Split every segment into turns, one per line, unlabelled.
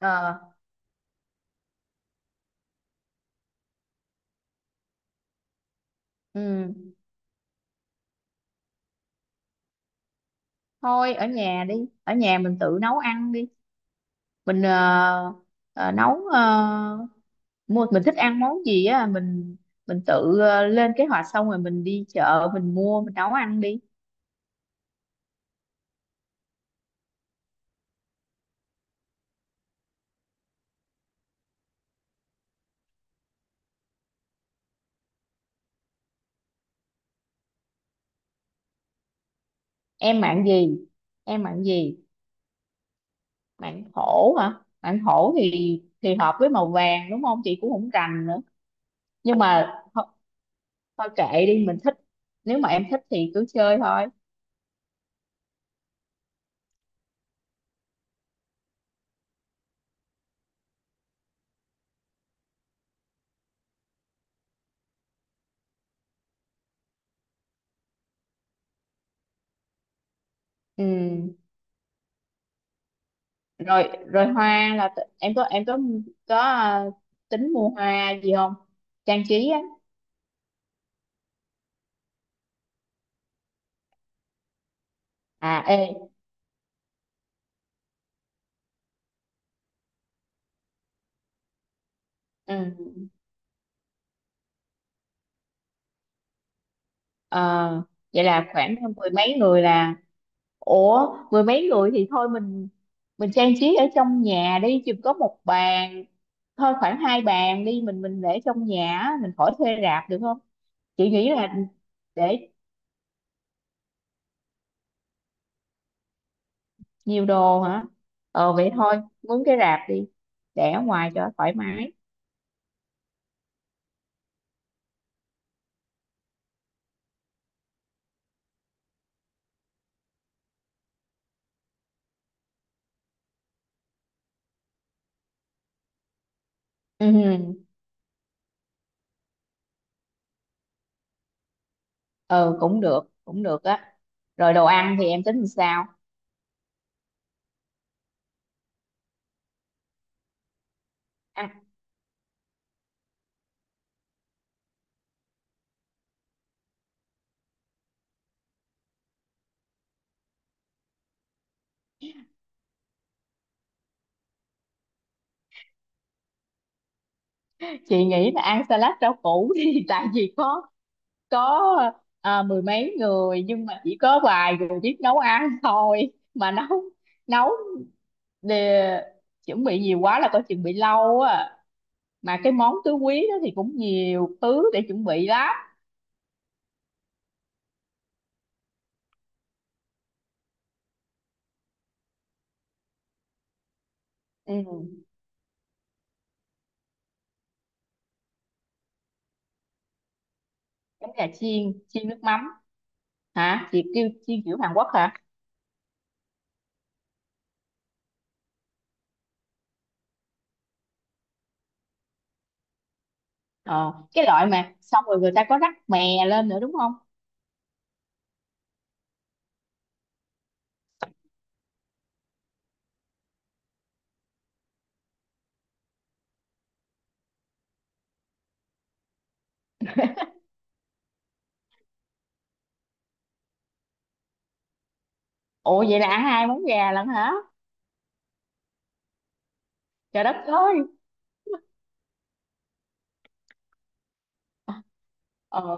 ờ ừ, thôi ở nhà đi. Ở nhà mình tự nấu ăn đi. Mình nấu, mua mình thích ăn món gì á, mình tự lên kế hoạch xong rồi mình đi chợ mình mua mình nấu ăn đi. em mạng gì em mạng gì? Mạng hổ hả? Mạng hổ thì hợp với màu vàng đúng không, chị cũng không rành nữa. nhưng mà thôi, Thôi kệ đi mình thích, nếu mà em thích thì cứ chơi thôi. Ừ. rồi rồi hoa là, em có, à, tính mua hoa gì không? Trang trí á. À, ê. Ừ. ờ, Vậy là khoảng mười mấy người là... ủa, mười mấy người thì thôi, mình trang trí ở trong nhà đi, chỉ có một bàn thôi, khoảng hai bàn đi, mình để trong nhà á, mình khỏi thuê rạp được không? Chị nghĩ là để... Nhiều đồ hả? Vậy thôi, muốn cái rạp đi, để ở ngoài cho thoải mái. Ừ. Ừ, cũng được, cũng được á. Rồi đồ ăn thì em tính làm sao? Ăn... Chị nghĩ là ăn salad rau củ thì tại vì có, có mười mấy người nhưng mà chỉ có vài người biết nấu ăn thôi, mà nấu nấu để, chuẩn bị nhiều quá là coi chừng bị lâu á, mà cái món tứ quý đó thì cũng nhiều thứ để chuẩn bị lắm. Ừ. Giống gà chiên chiên nước mắm? Hả? Chị kêu chiên kiểu Hàn Quốc hả? Ờ cái loại mà xong rồi người ta có rắc mè lên nữa đúng không? Ủa, vậy là ăn hai món gà lận hả? Trời đất ơi. Ờ,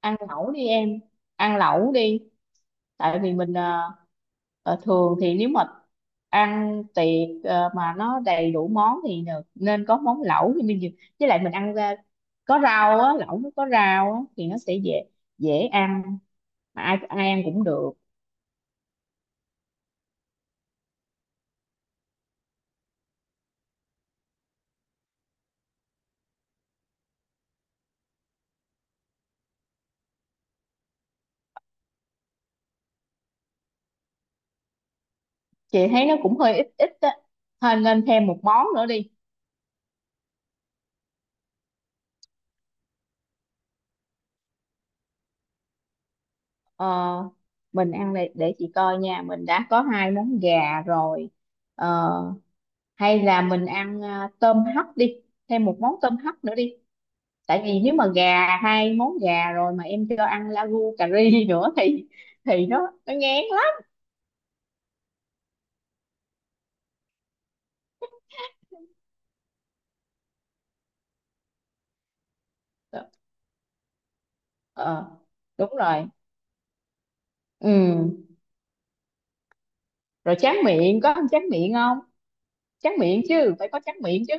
Ăn lẩu đi em. Ăn lẩu đi. Tại vì mình thường thì nếu mà ăn tiệc, mà nó đầy đủ món thì được. Nên có món lẩu thì mình với lại mình ăn ra có rau á, lẩu nó có rau á thì nó sẽ dễ dễ ăn, mà ai ai ăn cũng được. Chị thấy nó cũng hơi ít ít á. Thôi nên thêm một món nữa đi. Ờ, mình ăn, để chị coi nha, mình đã có hai món gà rồi. Ờ, Hay là mình ăn, tôm hấp đi, thêm một món tôm hấp nữa đi, tại vì nếu mà gà hai món gà rồi mà em cho ăn lagu cà ri nữa thì nó ngán lắm. ờ Đúng rồi. Ừ. Rồi tráng miệng, có ăn tráng miệng không? Tráng miệng chứ, phải có tráng miệng chứ.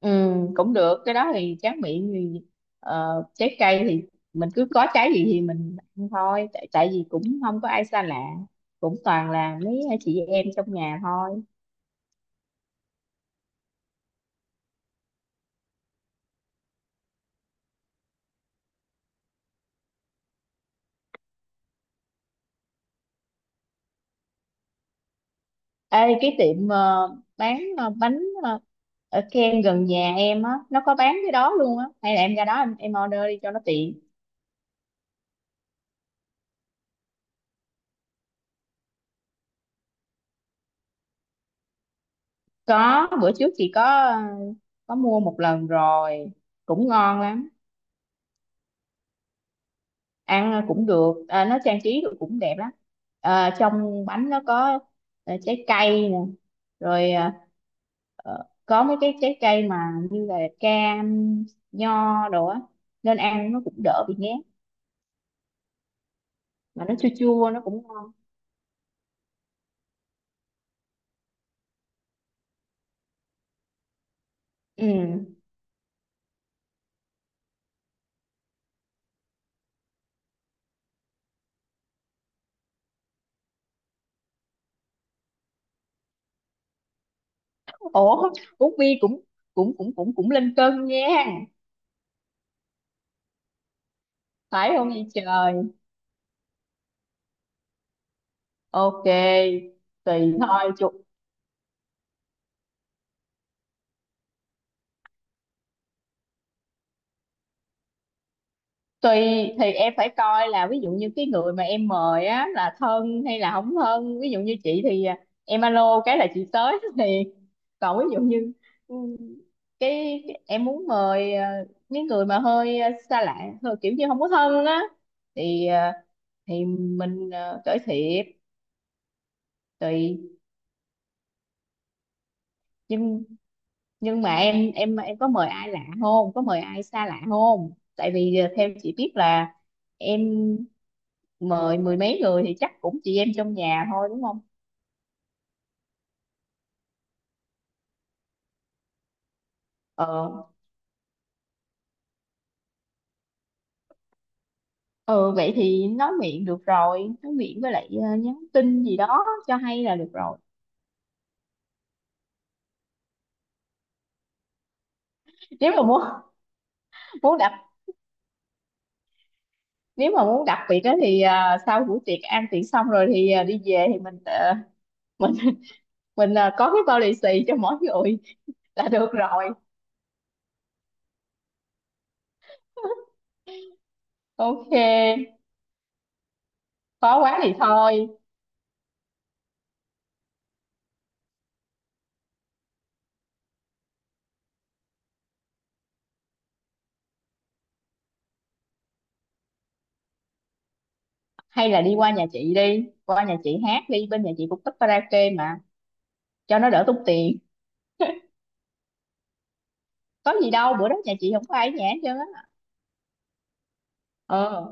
Ừ, cũng được, cái đó thì tráng miệng thì, trái cây thì mình cứ có trái gì thì mình ăn thôi, tại tại vì cũng không có ai xa lạ, cũng toàn là mấy chị em trong nhà thôi. Ê, cái tiệm bán bánh ở kem gần nhà em á nó có bán cái đó luôn á, hay là em ra đó, em order đi cho nó tiện. Có, bữa trước chị có mua một lần rồi, cũng ngon lắm. Ăn cũng được, nó trang trí được cũng đẹp lắm. Trong bánh nó có, trái cây nè, rồi, à, có mấy cái trái cây mà như là cam, nho đồ á, nên ăn nó cũng đỡ bị ngán, mà nó chua chua nó cũng ngon. Ừ. Ủa, uống bia cũng cũng cũng cũng cũng lên cân nha. Phải không vậy trời? OK. Tùy thôi. Tùy. Thì em phải coi là ví dụ như cái người mà em mời á là thân hay là không thân, ví dụ như chị thì em alo cái là chị tới thì, còn ví dụ như, ừ, em muốn mời, những người mà hơi, xa lạ, hơi kiểu như không có thân á, thì, thì mình, cởi thiệp. Tùy. nhưng nhưng mà em có mời ai lạ không, có mời ai xa lạ không? Tại vì, theo chị biết là em mời mười mấy người thì chắc cũng chị em trong nhà thôi đúng không? Ờ. Ừ, vậy thì nói miệng được rồi, nói miệng với lại nhắn tin gì đó cho, hay là được rồi. Nếu mà muốn muốn đặc... nếu mà muốn đặc biệt á thì sau buổi tiệc ăn tiệc xong rồi thì, đi về thì mình, mình mình có cái bao lì xì cho mỗi người. Là được rồi. OK. Khó quá thì thôi. Hay là đi qua nhà chị, đi qua nhà chị hát đi, bên nhà chị cũng thích karaoke mà, cho nó đỡ tốn tiền. Có gì đâu, bữa đó nhà chị không có ai ở nhà hết trơn á. Ờ.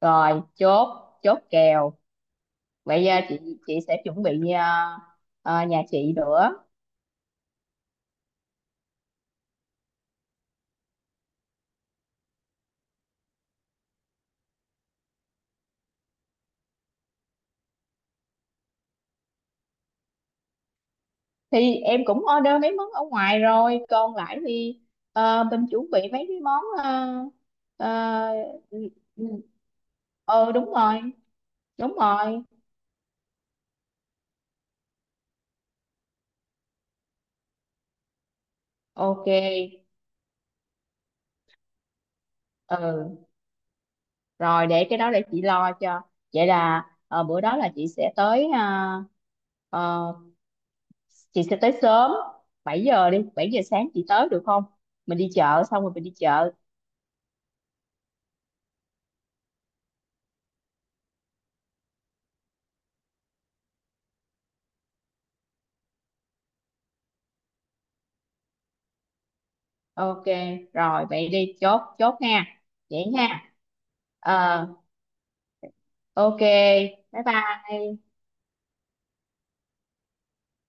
Rồi, chốt, chốt kèo. Bây giờ chị sẽ chuẩn bị, nhà chị nữa. Thì em cũng order mấy món ở ngoài rồi, còn lại thì mình chuẩn bị mấy cái món, ờ, ừ. Ừ, đúng rồi. Đúng rồi. OK. Ừ, rồi để cái đó để chị lo cho. Vậy là, bữa đó là chị sẽ tới, ờ, chị sẽ tới sớm. 7 giờ đi, 7 giờ sáng chị tới được không? Mình đi chợ, xong rồi mình đi chợ. OK. Rồi vậy đi, chốt chốt nha. Vậy nha. Ờ. OK. Bye bye.